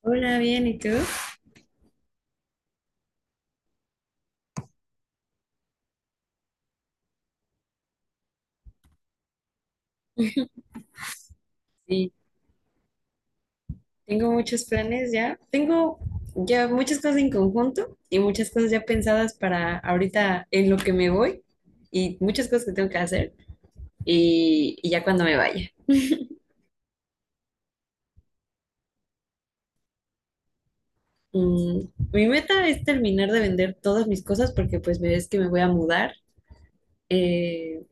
Hola, bien, ¿y tú? Sí, tengo muchos planes ya. Tengo ya muchas cosas en conjunto y muchas cosas ya pensadas para ahorita en lo que me voy y muchas cosas que tengo que hacer y ya cuando me vaya. Mm, mi meta es terminar de vender todas mis cosas porque pues me ves que me voy a mudar, eh,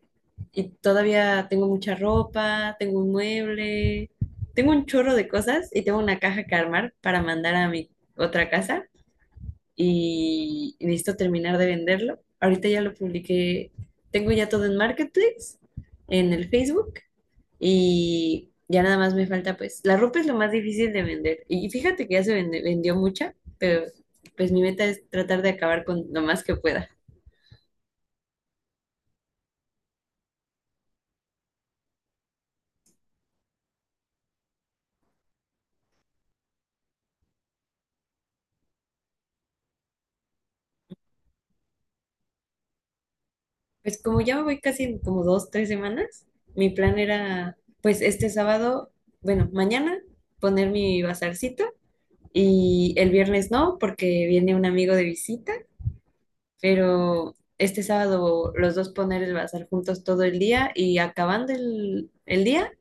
y todavía tengo mucha ropa, tengo un mueble, tengo un chorro de cosas y tengo una caja que armar para mandar a mi otra casa. Y necesito terminar de venderlo. Ahorita ya lo publiqué, tengo ya todo en Marketplace, en el Facebook, y ya nada más me falta, pues la ropa es lo más difícil de vender y fíjate que ya se vendió mucha, pero pues mi meta es tratar de acabar con lo más que pueda. Pues como ya me voy casi en como dos, tres semanas, mi plan era pues este sábado, bueno, mañana, poner mi bazarcito, y el viernes no, porque viene un amigo de visita. Pero este sábado los dos poner el bazar juntos todo el día y acabando el día,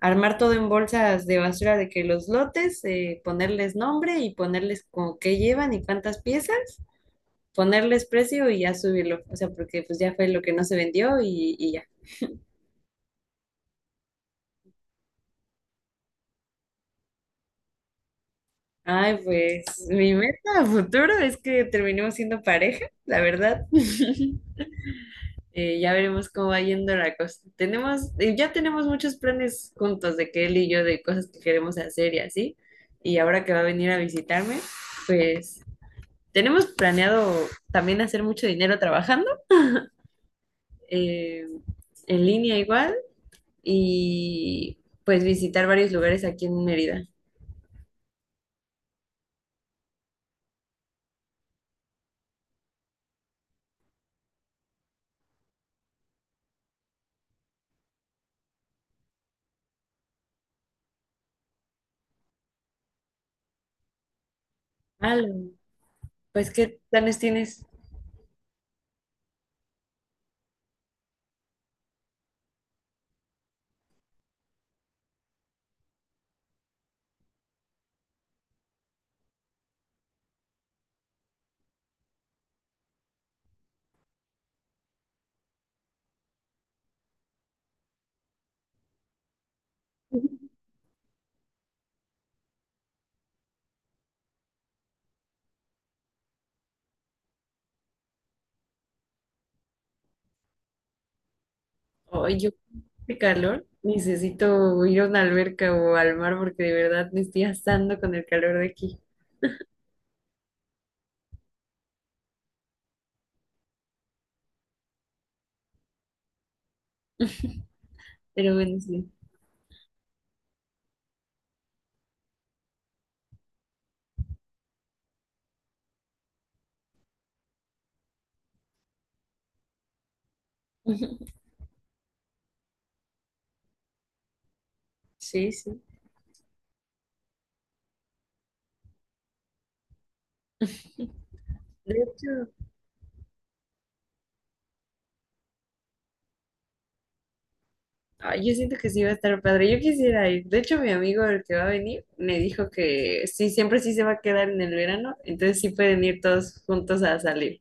armar todo en bolsas de basura de que los lotes, ponerles nombre y ponerles como qué llevan y cuántas piezas, ponerles precio y ya subirlo, o sea, porque pues ya fue lo que no se vendió y ya. Ay, pues mi meta a futuro es que terminemos siendo pareja, la verdad. Ya veremos cómo va yendo la cosa. Tenemos, ya tenemos muchos planes juntos de que él y yo, de cosas que queremos hacer y así. Y ahora que va a venir a visitarme, pues tenemos planeado también hacer mucho dinero trabajando, eh, en línea igual, y pues visitar varios lugares aquí en Mérida. Al, pues, ¿qué planes tienes? Ay, yo, qué calor. Necesito ir a una alberca o al mar porque de verdad me estoy asando con el calor de aquí. Pero bueno, sí. Sí, sí. De hecho, ay, yo siento que sí va a estar padre. Yo quisiera ir. De hecho, mi amigo, el que va a venir, me dijo que sí, siempre sí se va a quedar en el verano. Entonces sí pueden ir todos juntos a salir.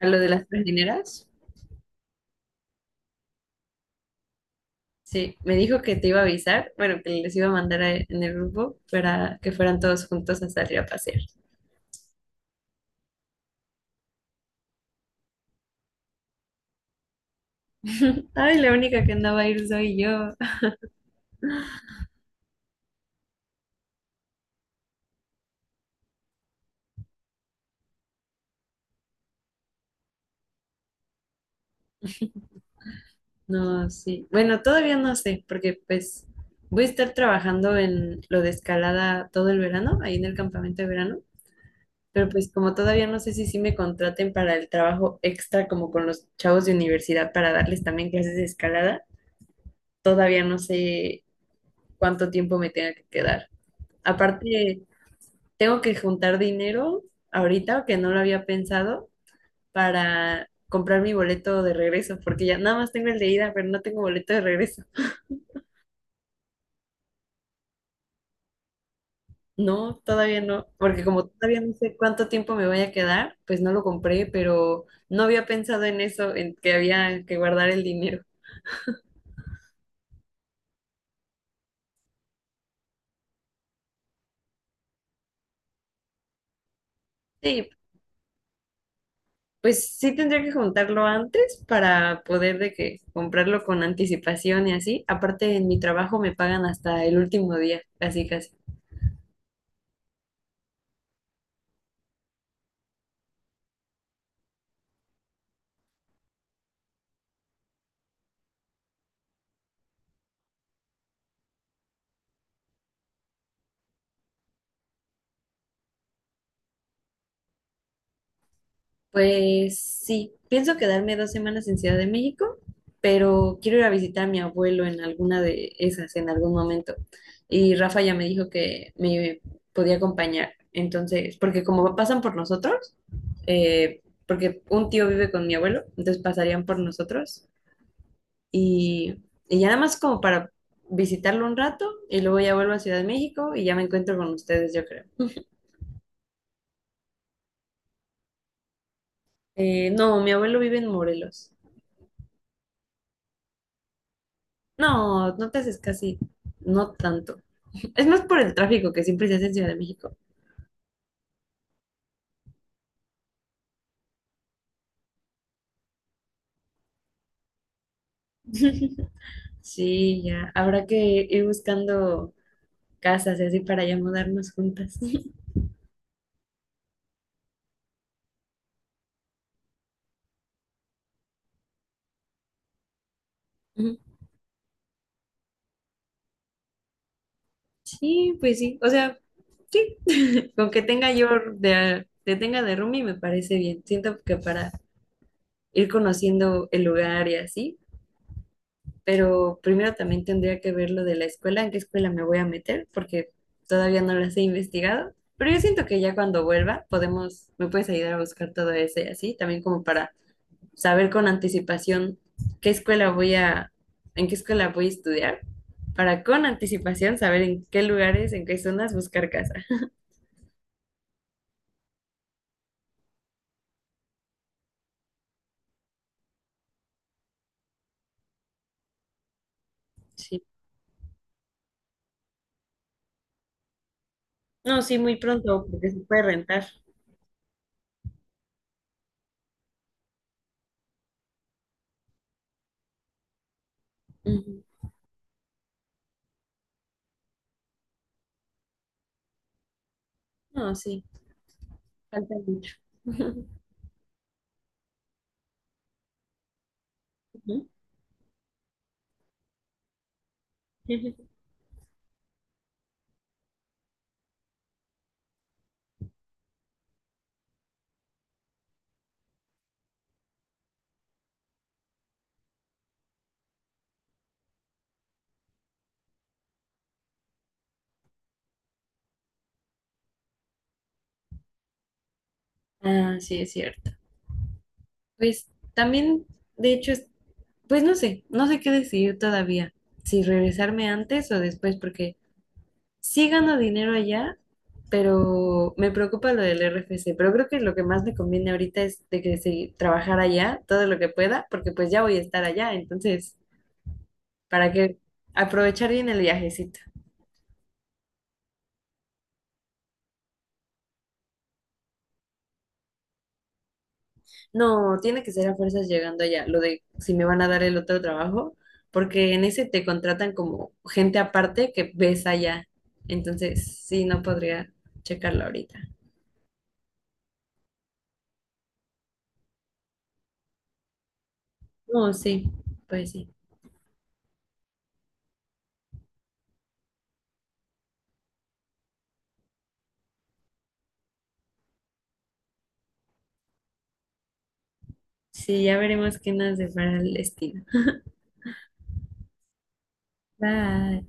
A lo de las trajineras. Sí, me dijo que te iba a avisar, bueno, que les iba a mandar en el grupo para que fueran todos juntos a salir a pasear. Ay, la única que no va a ir soy yo. No, sí. Bueno, todavía no sé, porque pues voy a estar trabajando en lo de escalada todo el verano, ahí en el campamento de verano, pero pues como todavía no sé si sí me contraten para el trabajo extra como con los chavos de universidad para darles también clases de escalada, todavía no sé cuánto tiempo me tenga que quedar. Aparte, tengo que juntar dinero ahorita, que no lo había pensado, para comprar mi boleto de regreso, porque ya nada más tengo el de ida, pero no tengo boleto de regreso. No, todavía no, porque como todavía no sé cuánto tiempo me voy a quedar, pues no lo compré, pero no había pensado en eso, en que había que guardar el dinero. Sí, pues sí tendría que juntarlo antes para poder de que comprarlo con anticipación y así. Aparte, en mi trabajo me pagan hasta el último día, casi casi. Pues sí, pienso quedarme dos semanas en Ciudad de México, pero quiero ir a visitar a mi abuelo en alguna de esas, en algún momento. Y Rafa ya me dijo que me podía acompañar. Entonces, porque como pasan por nosotros, porque un tío vive con mi abuelo, entonces pasarían por nosotros y, y ya nada más como para visitarlo un rato y luego ya vuelvo a Ciudad de México y ya me encuentro con ustedes, yo creo. No, mi abuelo vive en Morelos. No, no te haces casi, no tanto. Es más por el tráfico que siempre se hace en Ciudad de México. Sí, ya. Habrá que ir buscando casas y así para ya mudarnos juntas. Ujú. Sí, pues sí. O sea, sí. Con que tenga yo de, que tenga de roomie me parece bien. Siento que para ir conociendo el lugar y así. Pero primero también tendría que ver lo de la escuela, en qué escuela me voy a meter, porque todavía no las he investigado. Pero yo siento que ya cuando vuelva podemos, me puedes ayudar a buscar todo ese así, también como para saber con anticipación qué escuela voy a, en qué escuela voy a estudiar, para con anticipación saber en qué lugares, en qué zonas buscar casa. Sí. No, sí, muy pronto, porque se puede rentar. Ujú. No, sí, falta mucho. Ujú. Ah, sí, es cierto. Pues también, de hecho, pues no sé, no sé qué decidir todavía, si regresarme antes o después, porque sí gano dinero allá, pero me preocupa lo del RFC, pero creo que lo que más me conviene ahorita es de que sí, trabajar allá todo lo que pueda, porque pues ya voy a estar allá, entonces, para que aprovechar bien el viajecito. No, tiene que ser a fuerzas llegando allá, lo de si me van a dar el otro trabajo, porque en ese te contratan como gente aparte que ves allá. Entonces, sí, no podría checarlo ahorita. No, sí, pues sí. Sí, ya veremos qué nos depara el destino. Bye.